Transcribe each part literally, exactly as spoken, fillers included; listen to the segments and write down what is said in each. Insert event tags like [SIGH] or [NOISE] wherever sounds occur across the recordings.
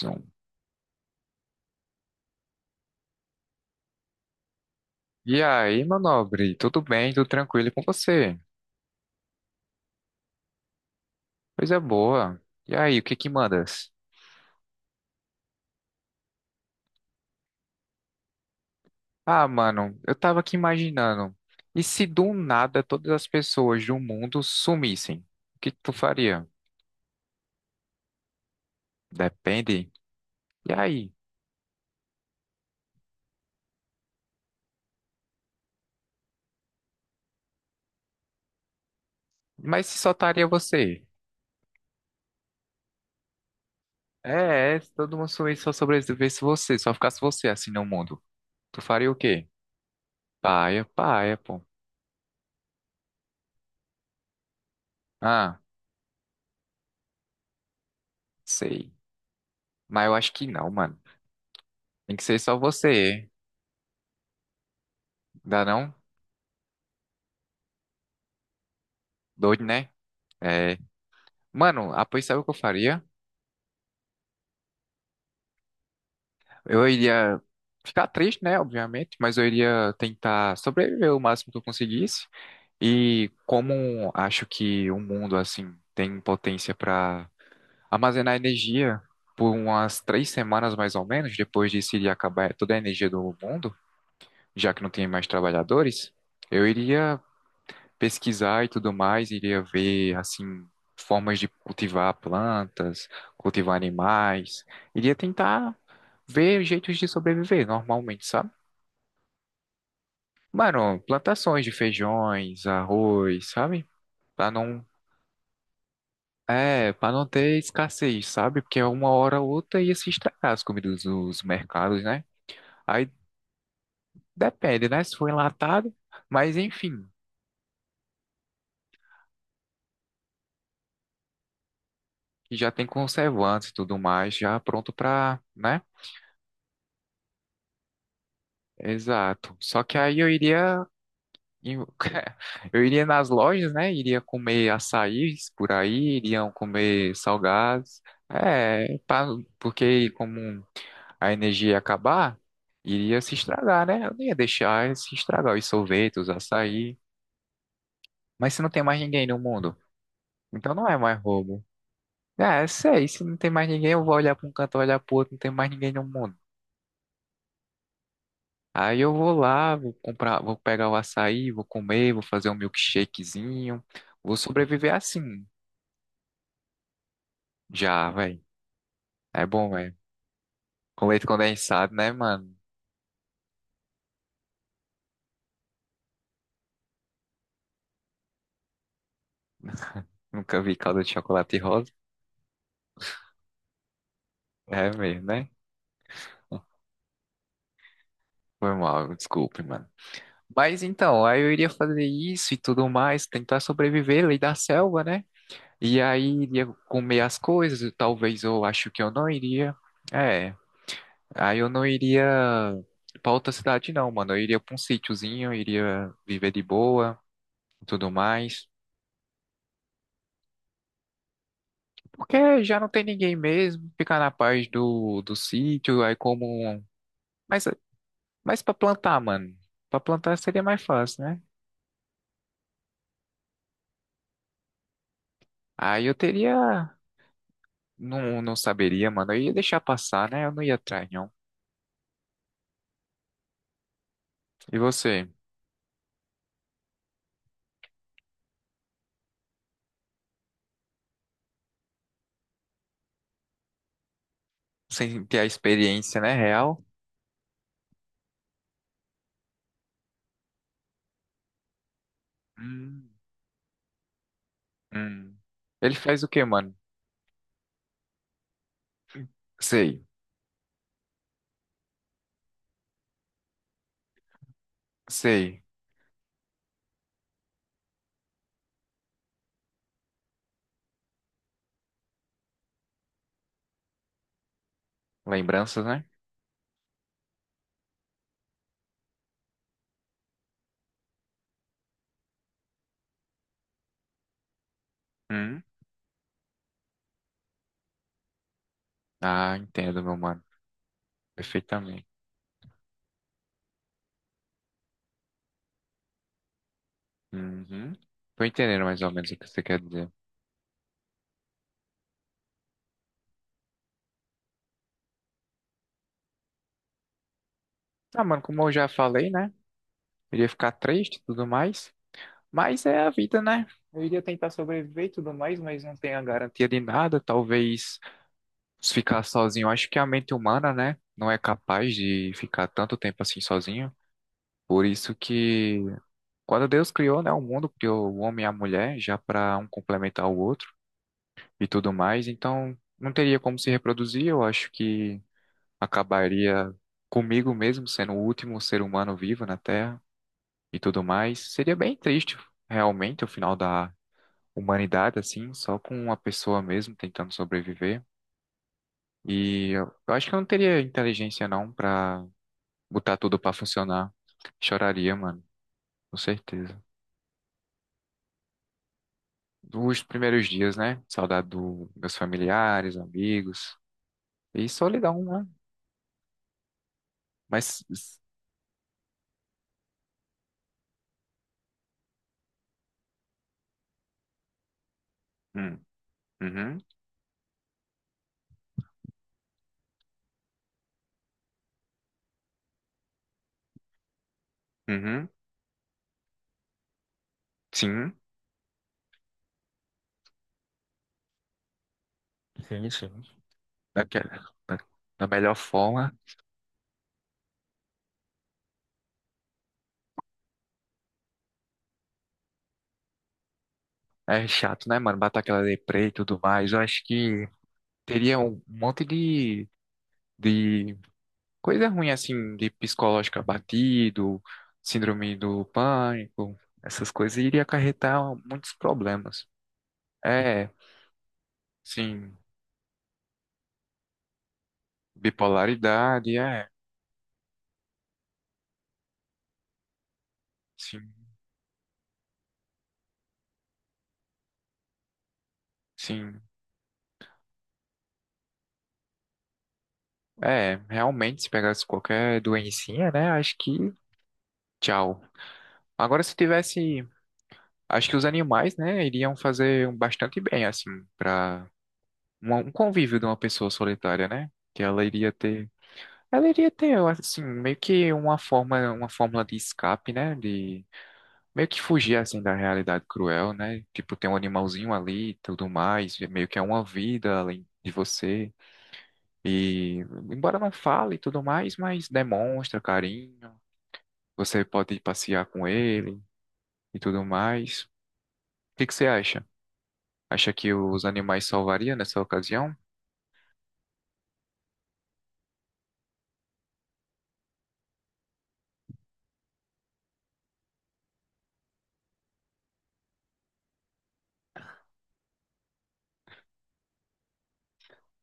Zoom. E aí, meu nobre, tudo bem? Tudo tranquilo com você? Coisa boa. E aí, o que que mandas? Ah, mano, eu tava aqui imaginando. E se do nada todas as pessoas do mundo sumissem? O que que tu faria? Depende. E aí? Mas se só estaria você? É, é, se todo mundo sumisse, só sobrevivesse você, só ficasse você assim no mundo. Tu faria o quê? Paia, paia, pô. Ah, sei. Mas eu acho que não, mano. Tem que ser só você. Dá não? Doido, né? É, mano, ah, pois sabe o que eu faria? Eu iria ficar triste, né, obviamente, mas eu iria tentar sobreviver o máximo que eu conseguisse. E como acho que o mundo, assim, tem potência para armazenar energia por umas três semanas mais ou menos, depois disso iria acabar toda a energia do mundo, já que não tem mais trabalhadores, eu iria pesquisar e tudo mais, iria ver assim formas de cultivar plantas, cultivar animais, iria tentar ver jeitos de sobreviver normalmente, sabe? Mano, plantações de feijões, arroz, sabe? Pra não é, Para não ter escassez, sabe? Porque uma hora ou outra ia se estragar as comidas dos mercados, né? Aí depende, né? Se for enlatado, mas enfim, já tem conservantes e tudo mais, já pronto pra, né? Exato. Só que aí eu iria em- [LAUGHS] eu iria nas lojas, né? Iria comer açaís por aí, iriam comer salgados. É, pra- porque como a energia ia acabar, iria se estragar, né? Eu não ia deixar se estragar os sorvetes, os açaí. Mas se não tem mais ninguém no mundo, então não é mais roubo. É, sei, se não tem mais ninguém, eu vou olhar para um canto, olhar pro outro, não tem mais ninguém no mundo. Aí eu vou lá, vou comprar, vou pegar o açaí, vou comer, vou fazer um milkshakezinho. Vou sobreviver assim, já, velho. É bom, velho. Com leite condensado, né, mano? Nunca vi calda de chocolate rosa. É mesmo, né? Foi mal, desculpe, mano. Mas então, aí eu iria fazer isso e tudo mais, tentar sobreviver, lei da selva, né? E aí iria comer as coisas, talvez eu acho que eu não iria. É. Aí eu não iria pra outra cidade, não, mano. Eu iria pra um sítiozinho, eu iria viver de boa e tudo mais. Porque já não tem ninguém mesmo, ficar na paz do, do sítio, aí como. Mas, mas pra plantar, mano. Pra plantar seria mais fácil, né? Aí eu teria. Não, não saberia, mano. Eu ia deixar passar, né? Eu não ia atrás, não. E você? Sem ter a experiência, né? Real? Hum, hum. Ele faz o quê, mano? Sei, sei. Lembranças, né? Ah, entendo, meu mano. Perfeitamente. Uhum. Tô entendendo mais ou menos o que você quer dizer. Ah, mano, como eu já falei, né? Eu ia ficar triste e tudo mais. Mas é a vida, né? Eu iria tentar sobreviver e tudo mais, mas não tenho a garantia de nada. Talvez se ficar sozinho. Acho que a mente humana, né? Não é capaz de ficar tanto tempo assim sozinho. Por isso que quando Deus criou, né, o mundo, criou o homem e a mulher, já para um complementar o outro e tudo mais, então não teria como se reproduzir. Eu acho que acabaria comigo mesmo sendo o último ser humano vivo na Terra e tudo mais. Seria bem triste, realmente, o final da humanidade, assim, só com uma pessoa mesmo tentando sobreviver. E eu eu acho que eu não teria inteligência, não, pra botar tudo pra funcionar. Choraria, mano, com certeza. Os primeiros dias, né? Saudade dos meus familiares, amigos e solidão, né? Mas. Hum, uhum, uhum, sim. Sim, sim. daquela, da, da melhor forma. É chato, né, mano? Bater aquela deprê e tudo mais. Eu acho que teria um monte de, de coisa ruim, assim, de psicológico abatido, síndrome do pânico, essas coisas iria acarretar muitos problemas. É, sim, bipolaridade, é, sim, sim. É, realmente, se pegasse qualquer doencinha, né, acho que tchau. Agora, se tivesse. Acho que os animais, né, iriam fazer um bastante bem, assim, para um convívio de uma pessoa solitária, né? Que ela iria ter, ela iria ter, assim, meio que uma forma, uma fórmula de escape, né? De meio que fugir, assim, da realidade cruel, né? Tipo, tem um animalzinho ali e tudo mais, e meio que é uma vida além de você. E, embora não fale e tudo mais, mas demonstra carinho, você pode passear com ele e tudo mais. O que que você acha? Acha que os animais salvaria nessa ocasião?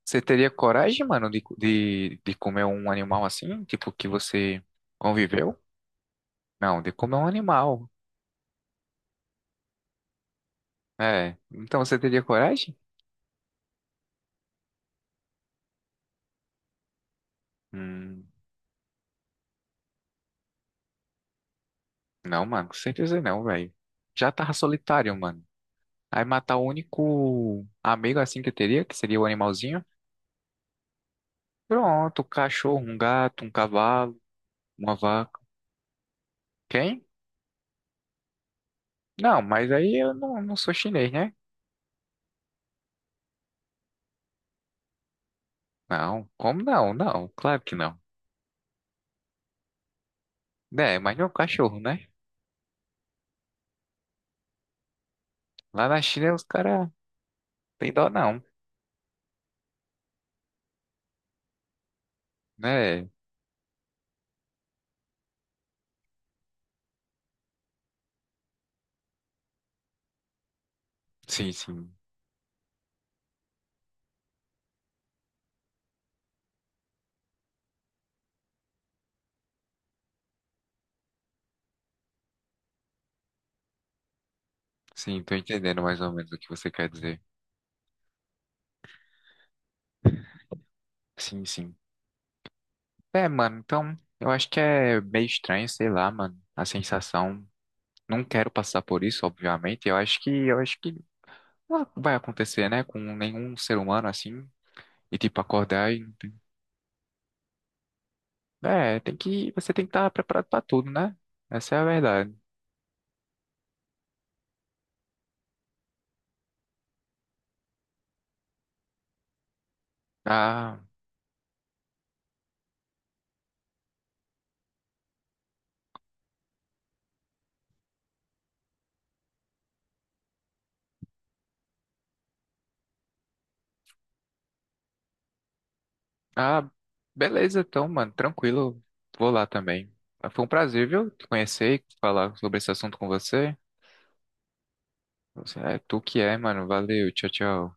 Você teria coragem, mano, de, de, de comer um animal assim? Tipo, que você conviveu? Não, de comer um animal. É. Então você teria coragem? Hum, não, mano, com certeza não, velho. Já tava solitário, mano. Aí matar o único amigo assim que eu teria, que seria o animalzinho. Pronto, um cachorro, um gato, um cavalo, uma vaca. Quem? Não, mas aí eu não, não sou chinês, né? Não, como não? Não, claro que não. É, mas não é um cachorro, né? Lá na China os caras tem dó não, né? Sim, sim. Sim, tô entendendo mais ou menos o que você quer dizer. Sim, sim. É, mano, então eu acho que é meio estranho, sei lá, mano, a sensação. Não quero passar por isso, obviamente. Eu acho que eu acho que não vai acontecer, né, com nenhum ser humano assim, e tipo acordar e é, tem que você tem que estar preparado pra tudo, né? Essa é a verdade. Ah, Ah, beleza, então, mano, tranquilo. Vou lá também. Ah, foi um prazer, viu, te conhecer e falar sobre esse assunto com você. Você é tu que é, mano. Valeu, tchau, tchau.